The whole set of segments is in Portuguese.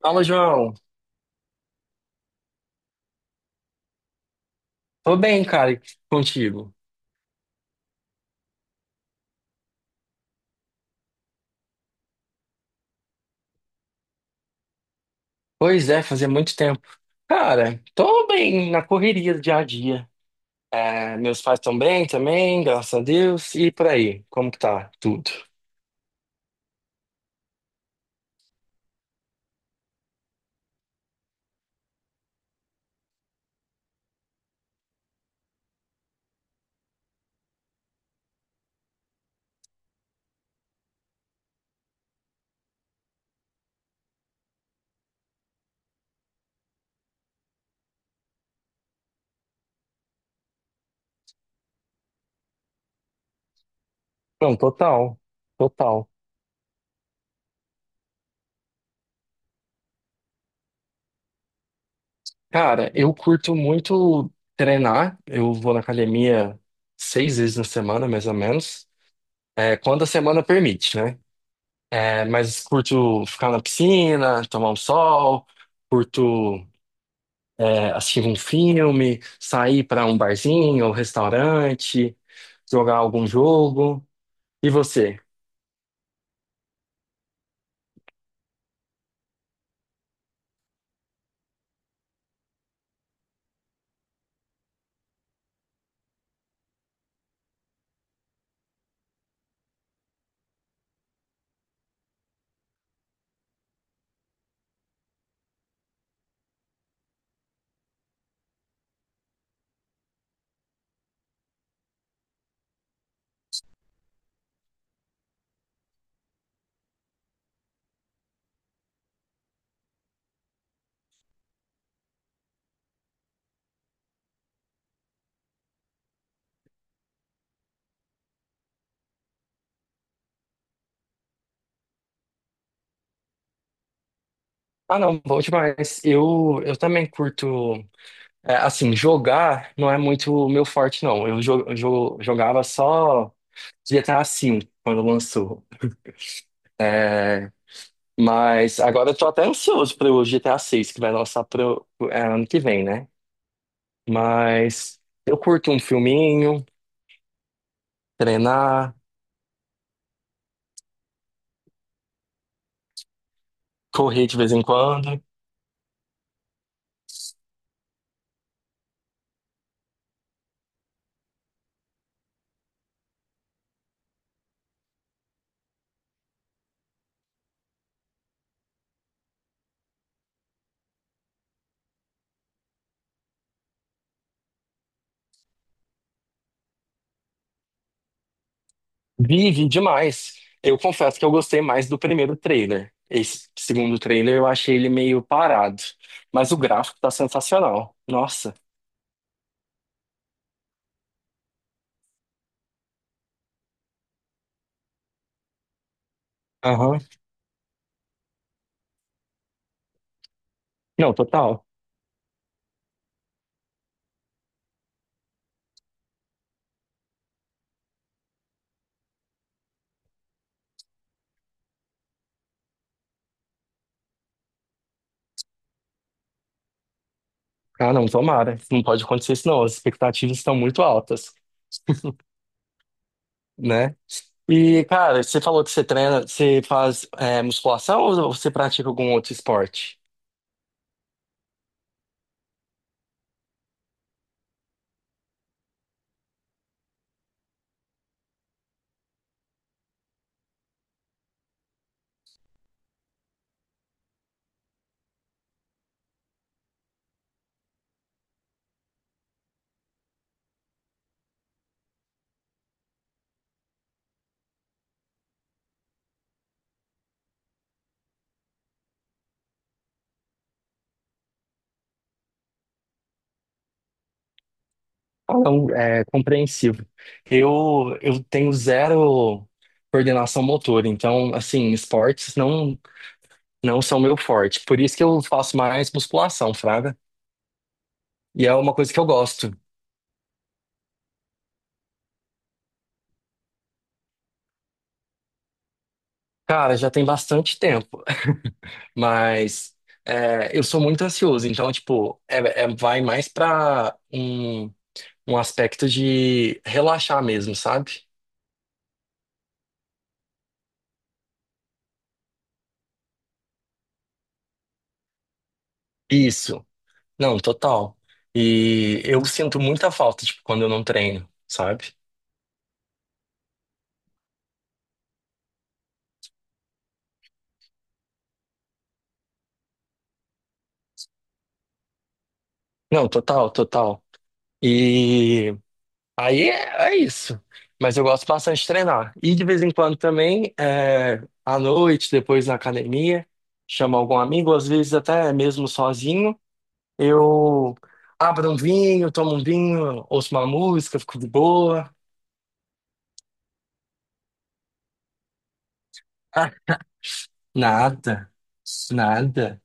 Fala, João. Tô bem, cara, e contigo. Pois é, fazia muito tempo. Cara, tô bem na correria do dia a dia. É, meus pais estão bem também, graças a Deus. E por aí, como que tá tudo? Não, total, total. Cara, eu curto muito treinar. Eu vou na academia seis vezes na semana, mais ou menos. É, quando a semana permite, né? É, mas curto ficar na piscina, tomar um sol, curto. É, assistir um filme, sair para um barzinho ou restaurante, jogar algum jogo. E você? Ah, não, bom demais. Eu também curto. É, assim, jogar não é muito o meu forte, não. Eu jogava só GTA V quando lançou. É, mas agora eu tô até ansioso pro, GTA 6 que vai lançar pro ano que vem, né? Mas eu curto um filminho, treinar, correr de vez em quando. Vive demais. Eu confesso que eu gostei mais do primeiro trailer. Esse segundo trailer eu achei ele meio parado. Mas o gráfico tá sensacional. Nossa. Aham. Não, total. Ah, não, tomara. Não pode acontecer isso, não. As expectativas estão muito altas, né? E, cara, você falou que você treina, você faz musculação ou você pratica algum outro esporte? Ah, não, é compreensivo. Eu tenho zero coordenação motora, então, assim, esportes não. Não são meu forte. Por isso que eu faço mais musculação, fraga. E é uma coisa que eu gosto. Cara, já tem bastante tempo, mas eu sou muito ansioso, então, tipo, vai mais pra um aspecto de relaxar mesmo, sabe? Isso. Não, total. E eu sinto muita falta, tipo, quando eu não treino, sabe? Não, total, total. E aí é isso. Mas eu gosto bastante de treinar. E de vez em quando também, à noite, depois na academia, chamo algum amigo, às vezes até mesmo sozinho, eu abro um vinho, tomo um vinho, ouço uma música, fico de boa. Ah, nada, nada.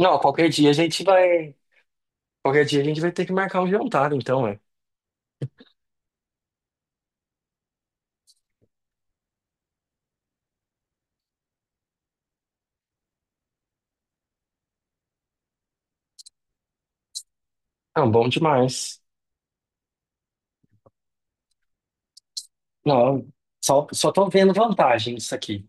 Não, qualquer dia a gente vai. Qualquer dia a gente vai ter que marcar um jantar, então, é. Não, bom demais. Não, só tô vendo vantagem isso aqui.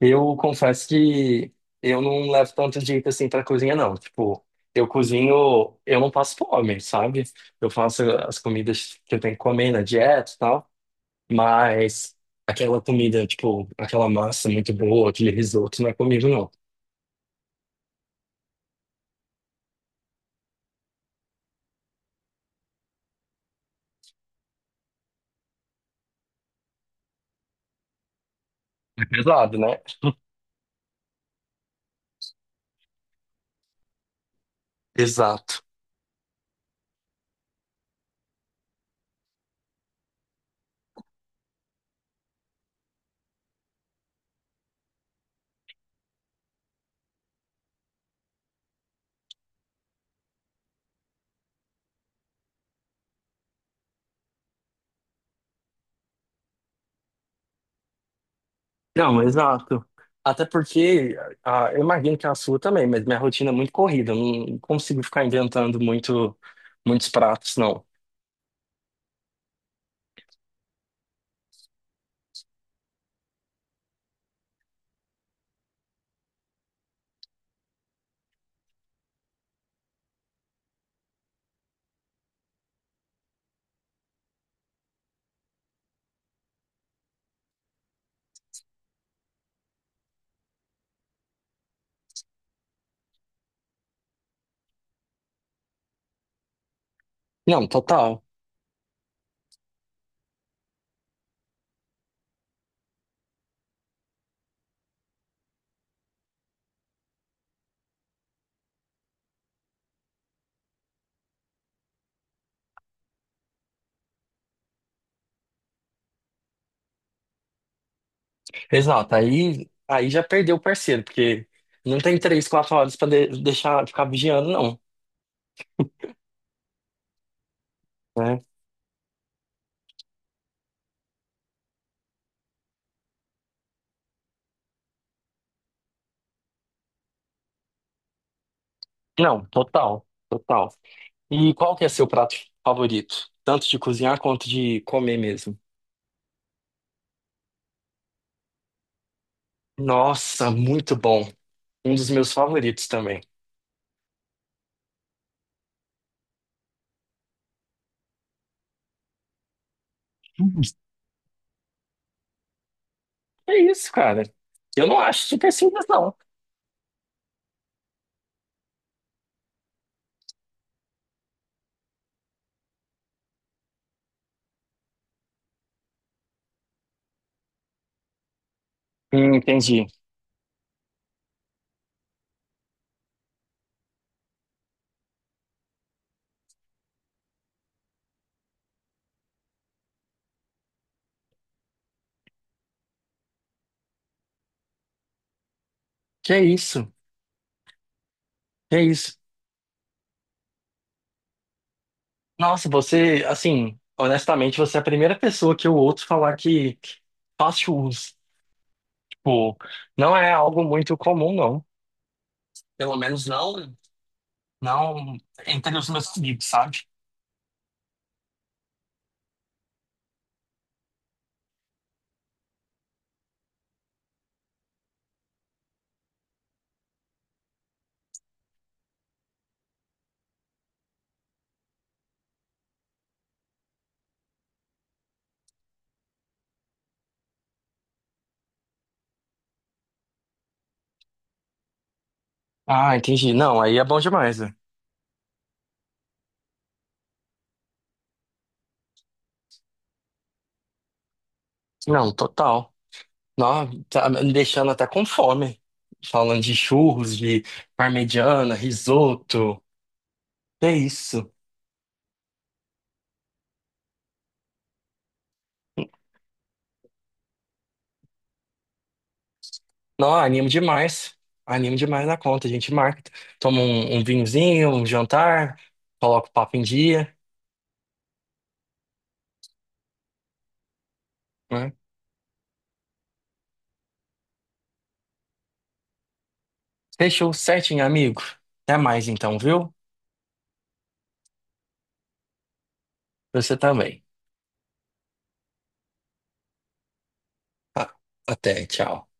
Eu confesso que eu não levo tanto jeito assim pra cozinha, não. Tipo, eu cozinho, eu não passo fome, sabe? Eu faço as comidas que eu tenho que comer na dieta e tal, mas aquela comida, tipo, aquela massa muito boa, aquele risoto, não é comigo, não. É pesado, né? Exato. Não, exato. Até porque, ah, eu imagino que é a sua também, mas minha rotina é muito corrida, eu não consigo ficar inventando muito, muitos pratos, não. Não, total. Exato, aí já perdeu o parceiro, porque não tem 3, 4 horas pra deixar ficar vigiando, não, né? Não, total, total. E qual que é seu prato favorito? Tanto de cozinhar quanto de comer mesmo. Nossa, muito bom. Um dos meus favoritos também. Hum. É isso, cara. Eu não acho super simples, não. Entendi. Que é isso, que é isso. Nossa, você, assim, honestamente, você é a primeira pessoa que eu ouço falar que fast food. Tipo, não é algo muito comum, não. Pelo menos não, não entre os meus amigos, sabe? Ah, entendi. Não, aí é bom demais, né? Não, total. Não, tá me deixando até com fome. Falando de churros, de parmegiana, risoto. É isso. Não, animo demais. Animo demais na conta. A gente marca. Toma um vinhozinho, um jantar, coloca o papo em dia, né? Fechou certinho, amigo. Até mais então, viu? Você também. Ah, até, tchau.